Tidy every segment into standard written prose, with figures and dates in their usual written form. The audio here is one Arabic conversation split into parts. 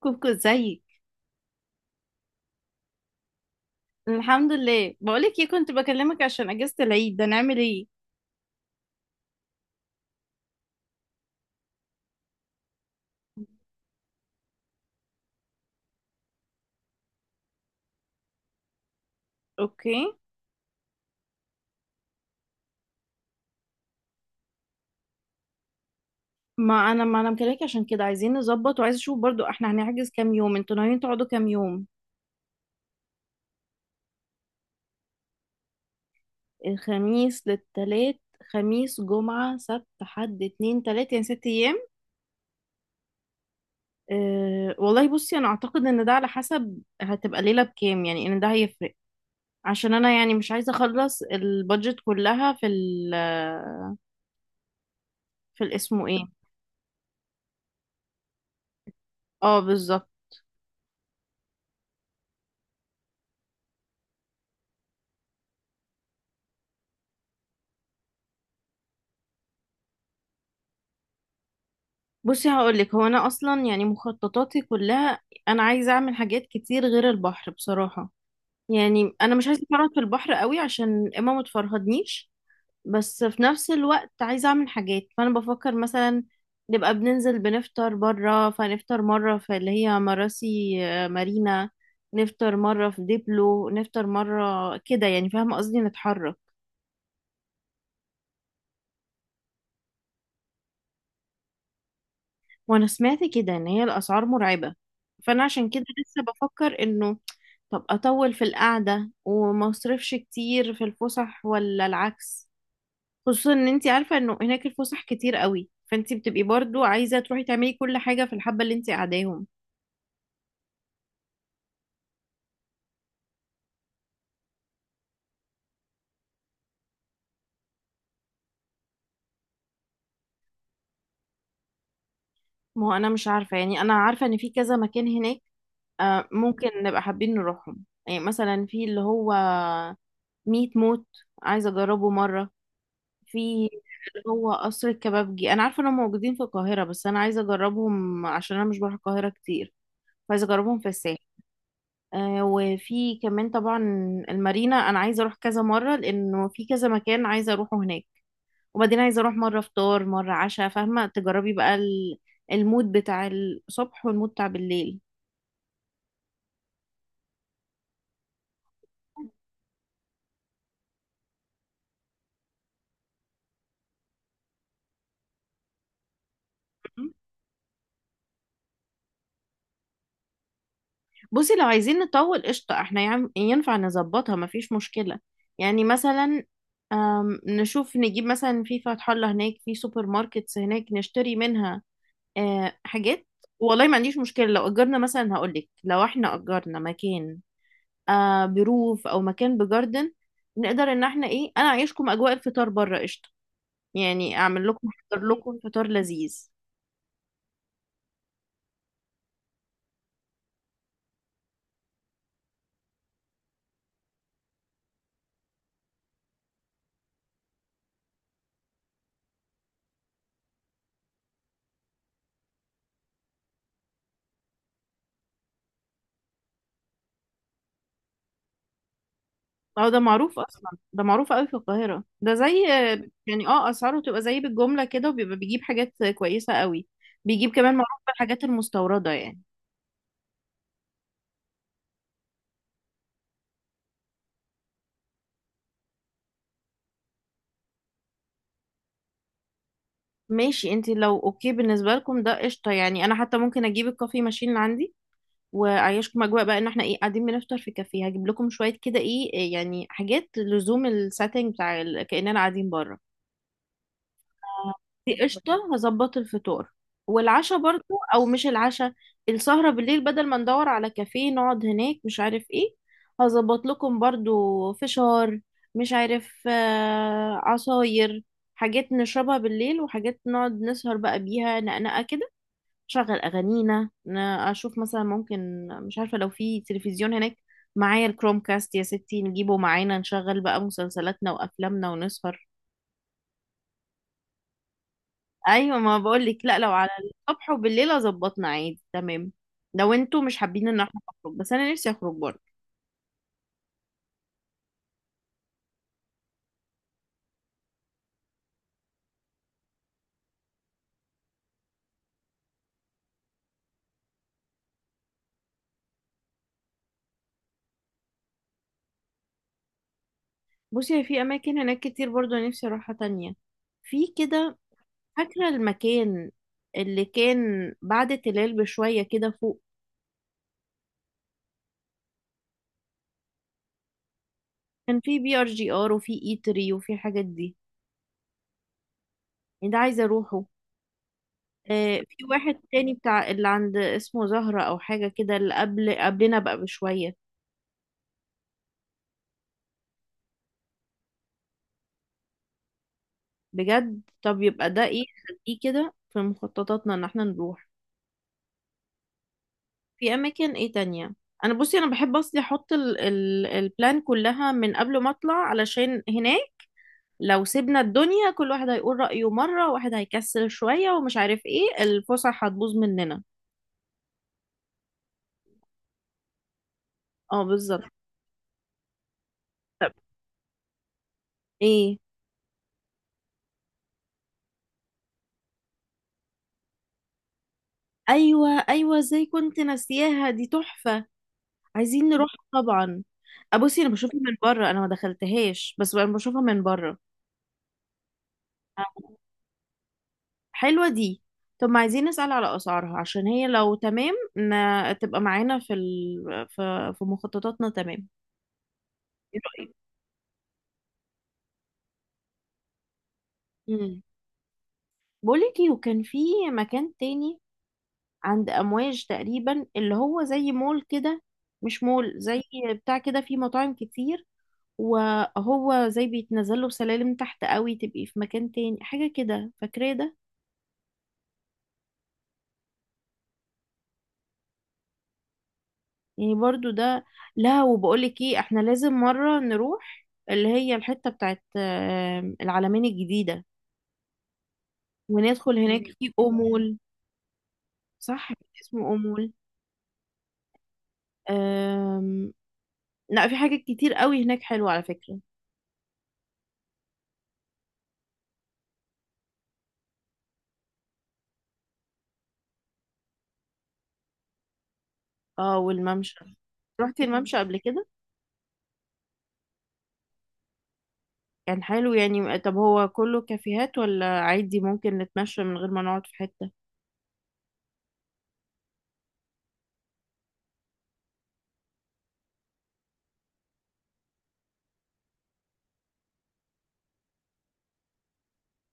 كوكو، ازيك؟ الحمد لله. بقولك ايه، كنت بكلمك عشان اجازة العيد ده نعمل ايه. اوكي. ما انا مكلمك عشان كده، عايزين نظبط، وعايز اشوف برضو احنا هنحجز كام يوم، انتوا ناويين تقعدوا كام يوم؟ الخميس للتلات. خميس جمعة سبت حد اتنين تلات، يعني ست ايام. والله بصي، انا اعتقد ان ده على حسب هتبقى ليلة بكام، يعني ان ده هيفرق. عشان انا يعني مش عايزة اخلص البادجت كلها في ال، في الاسمه ايه. اه بالظبط. بصي هقولك، هو انا اصلا يعني مخططاتي كلها، انا عايزه اعمل حاجات كتير غير البحر بصراحه. يعني انا مش عايزه اتفرهد في البحر قوي عشان اما ما تفرهدنيش. بس في نفس الوقت عايزه اعمل حاجات، فانا بفكر مثلا نبقى بننزل بنفطر بره، فنفطر مره في اللي هي مراسي مارينا، نفطر مره في ديبلو، نفطر مره كده يعني، فاهمه قصدي، نتحرك. وانا سمعت كده ان هي الاسعار مرعبه، فانا عشان كده لسه بفكر انه طب اطول في القعده وما اصرفش كتير في الفسح ولا العكس. خصوصا ان انت عارفه انه هناك الفسح كتير قوي، فانت بتبقي برضو عايزه تروحي تعملي كل حاجه في الحبه اللي انت قاعداهم. ما هو انا مش عارفه، يعني انا عارفه ان في كذا مكان هناك ممكن نبقى حابين نروحهم. يعني مثلا في اللي هو ميت موت، عايزه اجربه مره. في اللي هو قصر الكبابجي، انا عارفه انهم موجودين في القاهره، بس انا عايزه اجربهم عشان انا مش بروح القاهره كتير، فعايزه اجربهم في الساحل. وفي كمان طبعا المارينا، انا عايزه اروح كذا مره لانه في كذا مكان عايزه اروحه هناك. وبعدين عايزه اروح مره فطار، مره عشاء، فاهمه، تجربي بقى المود بتاع الصبح والمود بتاع بالليل. بصي لو عايزين نطول قشطه، احنا ينفع نظبطها، مفيش مشكله. يعني مثلا نشوف نجيب مثلا في فتح الله هناك، في سوبر ماركتس هناك نشتري منها حاجات. والله ما عنديش مشكله، لو اجرنا مثلا، هقولك لو احنا اجرنا مكان بروف او مكان بجاردن، نقدر ان احنا ايه، انا اعيشكم اجواء الفطار بره، قشطه. يعني اعمل لكم، احضر لكم فطار لذيذ. اه، ده معروف اصلا، ده معروف قوي في القاهره. ده زي يعني اسعاره تبقى زي بالجمله كده، وبيبقى بيجيب حاجات كويسه قوي. بيجيب كمان، معروف بالحاجات المستورده يعني. ماشي، انت لو اوكي بالنسبه لكم ده قشطه. يعني انا حتى ممكن اجيب الكافي ماشين اللي عندي، وعيشكم اجواء بقى ان احنا ايه قاعدين بنفطر في كافيه، هجيب لكم شويه كده ايه يعني حاجات لزوم السيتنج بتاع كاننا قاعدين بره. دي قشطه، هظبط الفطار والعشاء برضو. او مش العشاء، السهره بالليل، بدل ما ندور على كافيه نقعد هناك مش عارف ايه، هظبط لكم برضو فشار، مش عارف، عصاير، حاجات نشربها بالليل، وحاجات نقعد نسهر بقى بيها، نقنقه كده. شغل اغانينا، اشوف مثلا ممكن، مش عارفه، لو في تلفزيون هناك معايا الكروم كاست يا ستي، نجيبه معانا نشغل بقى مسلسلاتنا وافلامنا ونسهر. ايوه، ما بقول لك، لا لو على الصبح وبالليل ظبطنا عادي، تمام. لو انتوا مش حابين ان احنا نخرج، بس انا نفسي اخرج برضه. بصي، هي في اماكن هناك كتير برضه نفسي اروحها تانية. في كده، فاكره المكان اللي كان بعد تلال بشويه كده فوق، كان في بي ار جي ار وفي ايتري وفي الحاجات دي. يعني ده عايزه اروحه. في واحد تاني بتاع اللي عند اسمه زهرة او حاجة كده، اللي قبل قبلنا بقى بشوية. بجد، طب يبقى ده ايه، خليه كده في مخططاتنا ان احنا نروح. في اماكن ايه تانية. انا بصي، انا بحب اصلي احط ال البلان كلها من قبل ما اطلع، علشان هناك لو سيبنا الدنيا كل واحد هيقول رأيه مرة، واحد هيكسل شوية ومش عارف ايه، الفسح هتبوظ مننا. اه بالظبط. طب ايه. ايوه ايوه، ازاي كنت ناسياها، دي تحفة، عايزين نروح طبعا. ابصي، انا بشوفها من بره، انا ما دخلتهاش، بس انا بشوفها من بره. حلوة دي. طب ما عايزين نسأل على أسعارها، عشان هي لو تمام تبقى معانا في في مخططاتنا، تمام. ايه رأيك؟ امم بقولك ايه، وكان في مكان تاني عند أمواج تقريبا، اللي هو زي مول كده، مش مول، زي بتاع كده فيه مطاعم كتير، وهو زي بيتنزل له سلالم تحت قوي، تبقي في مكان تاني حاجة كده، فاكرة ده. يعني برضو ده. لا، وبقولك ايه، احنا لازم مرة نروح اللي هي الحتة بتاعت العلمين الجديدة، وندخل هناك في أمول. صح، اسمه أمول. آم، لا، في حاجات كتير قوي هناك حلوة على فكرة. اه، والممشى. رحتي الممشى قبل كده؟ كان حلو يعني. طب هو كله كافيهات ولا عادي ممكن نتمشى من غير ما نقعد في حتة؟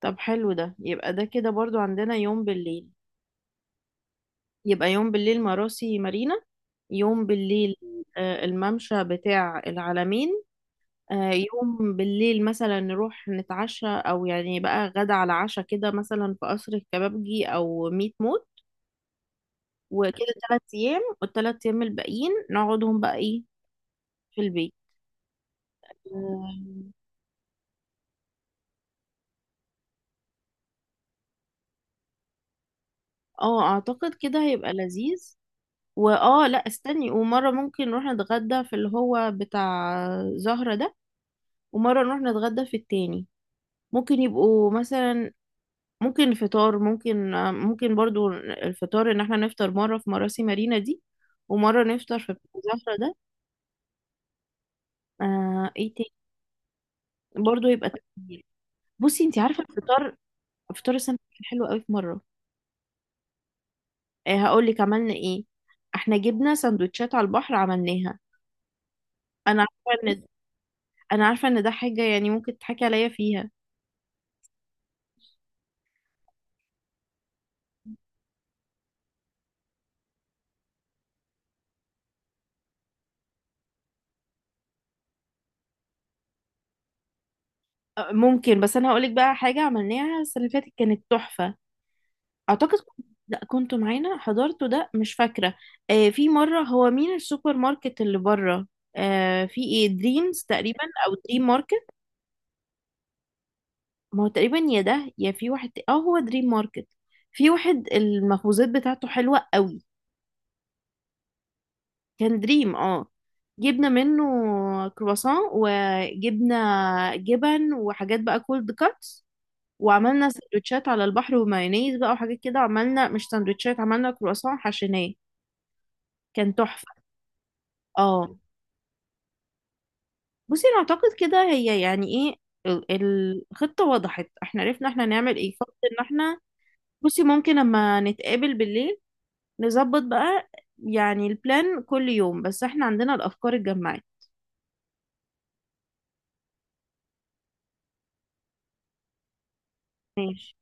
طب حلو ده، يبقى ده كده برضو عندنا يوم بالليل. يبقى يوم بالليل مراسي مارينا، يوم بالليل الممشى بتاع العلمين، يوم بالليل مثلا نروح نتعشى، او يعني بقى غدا على عشاء كده، مثلا في قصر الكبابجي او ميت موت. وكده ثلاث ايام، والثلاث ايام الباقيين نقعدهم بقى ايه، في البيت. اه، اعتقد كده هيبقى لذيذ. واه، لا استني، ومره ممكن نروح نتغدى في اللي هو بتاع زهرة ده، ومره نروح نتغدى في التاني. ممكن يبقوا مثلا، ممكن فطار، ممكن برضو الفطار ان احنا نفطر مرة في مراسي مارينا دي، ومرة نفطر في بتاع زهرة ده. ايه تاني. برضو يبقى تغيير. بصي انت عارفة الفطار، فطار السنة كان حلو قوي في مرة. هقول لك عملنا ايه، احنا جبنا سندوتشات على البحر عملناها. انا عارفة ان عارفة ان ده حاجة يعني ممكن تضحكي عليا فيها. ممكن، بس انا هقول لك بقى حاجة عملناها السنة اللي فاتت كانت تحفة. اعتقد لا كنت معانا، حضرته ده مش فاكره. في مره، هو مين السوبر ماركت اللي بره، في ايه دريمز تقريبا او دريم ماركت. ما هو تقريبا، يا ده يا في واحد هو دريم ماركت. في واحد المخبوزات بتاعته حلوه قوي. كان دريم، جبنا منه كرواسون، وجبنا جبن وحاجات بقى كولد كاتس، وعملنا سندوتشات على البحر، ومايونيز بقى وحاجات كده، عملنا مش سندوتشات، عملنا كرواسون حشيناه. كان تحفه. اه. بصي انا اعتقد كده، هي يعني ايه، الخطة وضحت، احنا عرفنا احنا هنعمل ايه، فقط ان احنا بصي ممكن لما نتقابل بالليل نظبط بقى يعني البلان كل يوم، بس احنا عندنا الافكار اتجمعت. ماشي.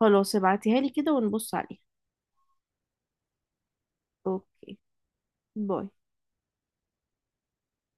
خلاص، ابعتيها لي كده ونبص عليها. اوكي. باي.